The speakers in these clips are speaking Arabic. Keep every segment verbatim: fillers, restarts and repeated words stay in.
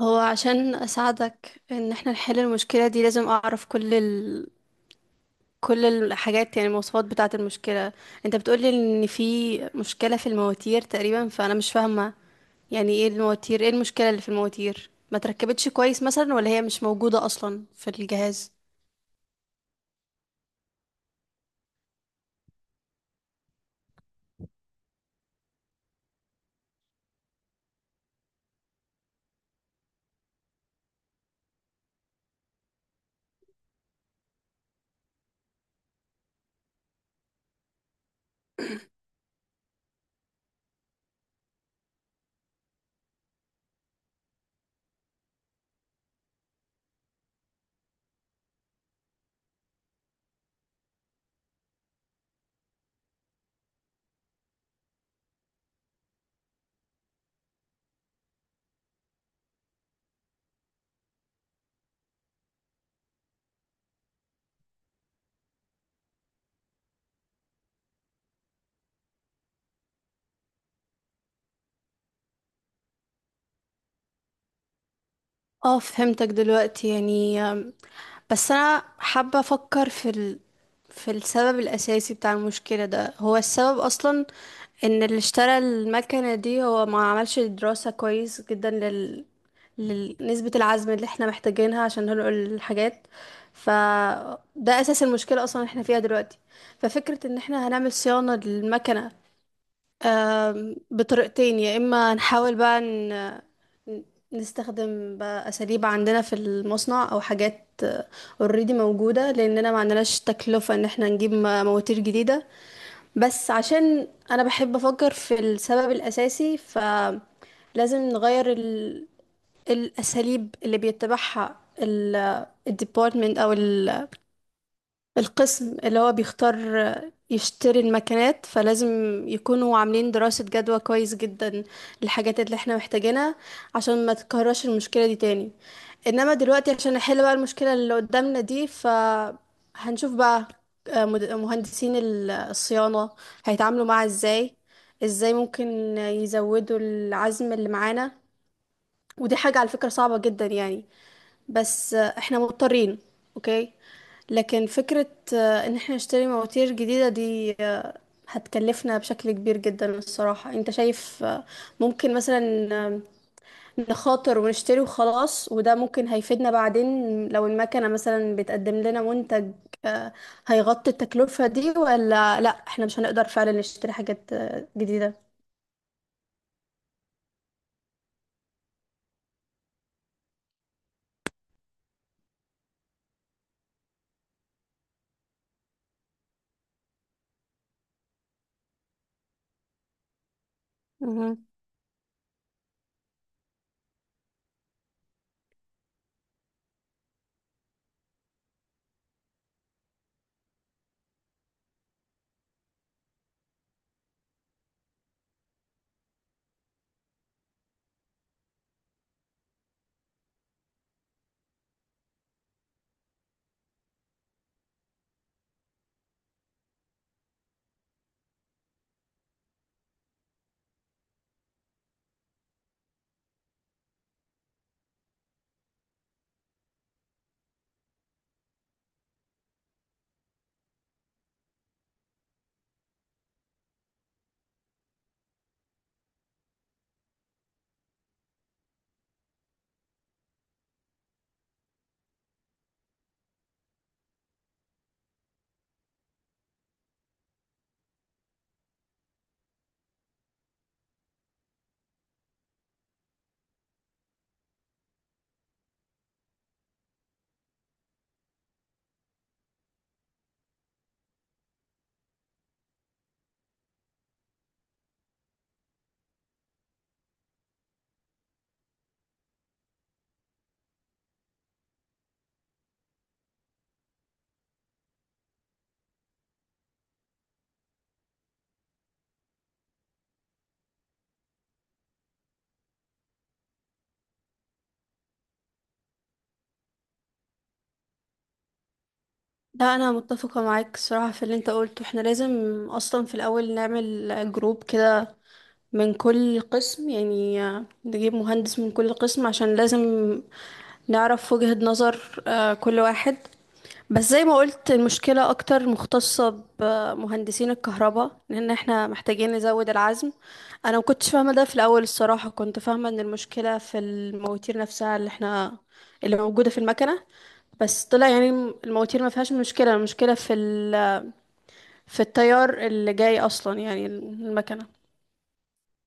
هو عشان اساعدك ان احنا نحل المشكله دي لازم اعرف كل ال... كل الحاجات، يعني المواصفات بتاعه المشكله. انت بتقولي ان في مشكله في المواتير تقريبا، فانا مش فاهمه يعني ايه المواتير، ايه المشكله اللي في المواتير؟ ما تركبتش كويس مثلا ولا هي مش موجوده اصلا في الجهاز؟ اه، فهمتك دلوقتي. يعني أم، بس انا حابة افكر في ال... في السبب الاساسي بتاع المشكلة. ده هو السبب اصلا ان اللي اشترى المكنة دي هو ما عملش دراسة كويس جدا لل... لنسبة العزم اللي احنا محتاجينها عشان ننقل الحاجات. فده اساس المشكلة اصلا اللي احنا فيها دلوقتي. ففكرة ان احنا هنعمل صيانة للمكنة، آم، بطريقتين. يا اما نحاول بقى ن... نستخدم بقى اساليب عندنا في المصنع او حاجات اوريدي موجوده، لاننا ما عندناش تكلفه ان احنا نجيب م- مواتير جديده. بس عشان انا بحب افكر في السبب الاساسي، فلازم نغير ال... الاساليب اللي بيتبعها الديبارتمنت او القسم اللي هو بيختار يشتري المكنات. فلازم يكونوا عاملين دراسة جدوى كويس جدا للحاجات اللي احنا محتاجينها عشان ما تتكررش المشكلة دي تاني. انما دلوقتي عشان نحل بقى المشكلة اللي قدامنا دي، فهنشوف بقى آه، مد- مهندسين ال- الصيانة هيتعاملوا معاها ازاي، ازاي ممكن يزودوا العزم اللي معانا. ودي حاجة على فكرة صعبة جدا يعني، بس آه، احنا مضطرين. اوكي، لكن فكرة آه، ان احنا نشتري مواتير جديدة دي آه، هتكلفنا بشكل كبير جدا الصراحة. انت شايف آه، ممكن مثلا آه، نخاطر ونشتري وخلاص وده ممكن هيفيدنا بعدين لو المكنة مثلا بتقدم لنا منتج آه، هيغطي التكلفة دي، ولا لا احنا مش هنقدر فعلا نشتري حاجات آه، جديدة؟ لا، انا متفقه معاك الصراحه في اللي انت قلته. احنا لازم اصلا في الاول نعمل جروب كده من كل قسم، يعني نجيب مهندس من كل قسم عشان لازم نعرف وجهة نظر آه، كل واحد. بس زي ما قلت، المشكله اكتر مختصه بمهندسين الكهرباء لان احنا محتاجين نزود العزم. انا ما كنتش فاهمه ده في الاول الصراحه، كنت فاهمه ان المشكله في المواتير نفسها اللي احنا، اللي موجوده في المكنه، بس طلع يعني المواتير ما فيهاش مشكلة. المشكلة في ال في التيار اللي جاي أصلا. يعني المكنة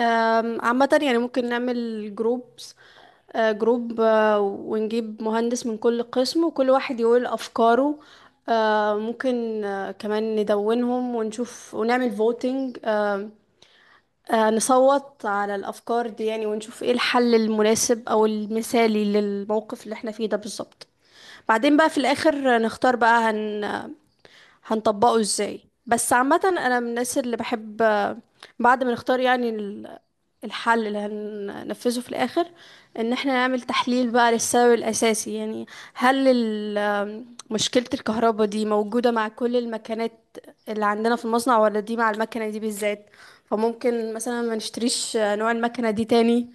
أم، عامة. يعني ممكن نعمل جروبس جروب آه، ونجيب مهندس من كل قسم وكل واحد يقول أفكاره. آه، ممكن آه، كمان ندونهم ونشوف ونعمل فوتينج، نصوت على الأفكار دي يعني، ونشوف ايه الحل المناسب أو المثالي للموقف اللي احنا فيه ده بالظبط. بعدين بقى في الآخر نختار بقى هن هنطبقه ازاي. بس عامة انا من الناس اللي بحب آه، بعد ما نختار يعني ال- الحل اللي هننفذه في الاخر، ان احنا نعمل تحليل بقى للسبب الاساسي. يعني هل ال- آه، مشكلة الكهرباء دي موجودة مع كل المكنات اللي عندنا في المصنع، ولا دي مع المكنة دي بالذات؟ فممكن مثلا ما نشتريش آه، نوع المكنة دي تاني،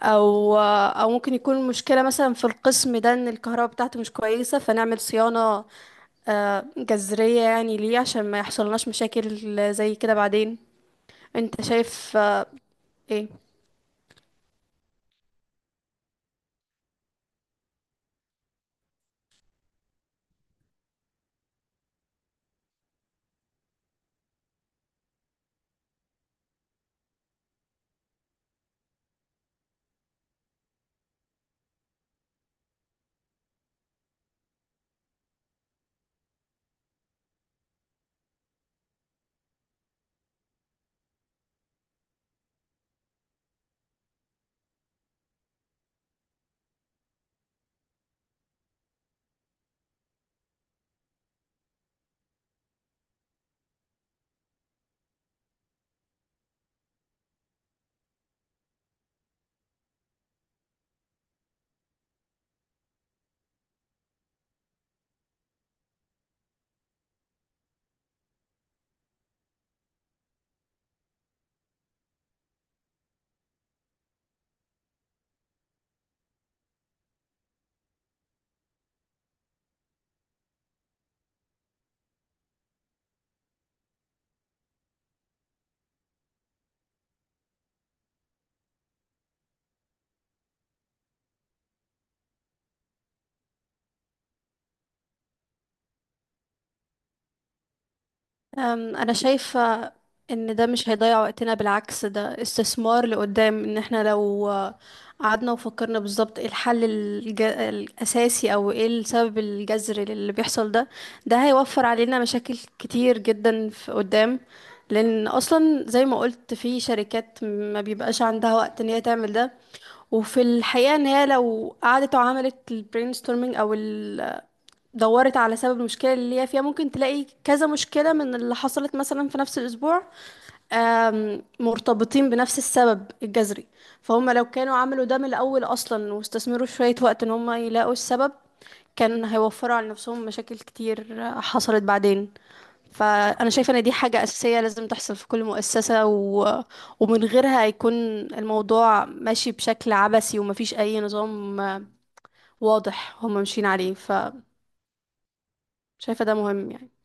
او او ممكن يكون المشكله مثلا في القسم ده ان الكهرباء بتاعته مش كويسه، فنعمل صيانه آه، جذرية يعني ليه، عشان ما يحصلناش مشاكل زي كده بعدين. انت شايف آه، ايه؟ أم، أنا شايفة إن ده مش هيضيع وقتنا، بالعكس ده استثمار لقدام. إن احنا لو قعدنا وفكرنا بالظبط ايه الحل الج... الأساسي أو ايه السبب الجذري للي بيحصل ده، ده هيوفر علينا مشاكل كتير جدا في قدام. لأن أصلا زي ما قلت في شركات ما بيبقاش عندها وقت إن هي تعمل ده، وفي الحقيقة إن هي لو قعدت وعملت ال brainstorming أو دورت على سبب المشكلة اللي هي فيها، ممكن تلاقي كذا مشكلة من اللي حصلت مثلا في نفس الأسبوع آم، مرتبطين بنفس السبب الجذري. فهم لو كانوا عملوا ده من الأول أصلا واستثمروا شوية وقت إن هم يلاقوا السبب، كان هيوفروا على نفسهم مشاكل كتير آه، حصلت بعدين. فأنا شايفة إن دي حاجة أساسية لازم تحصل في كل مؤسسة و... ومن غيرها هيكون الموضوع ماشي بشكل عبثي ومفيش أي نظام آه، واضح هم ماشيين عليه. فشايفة ده مهم يعني.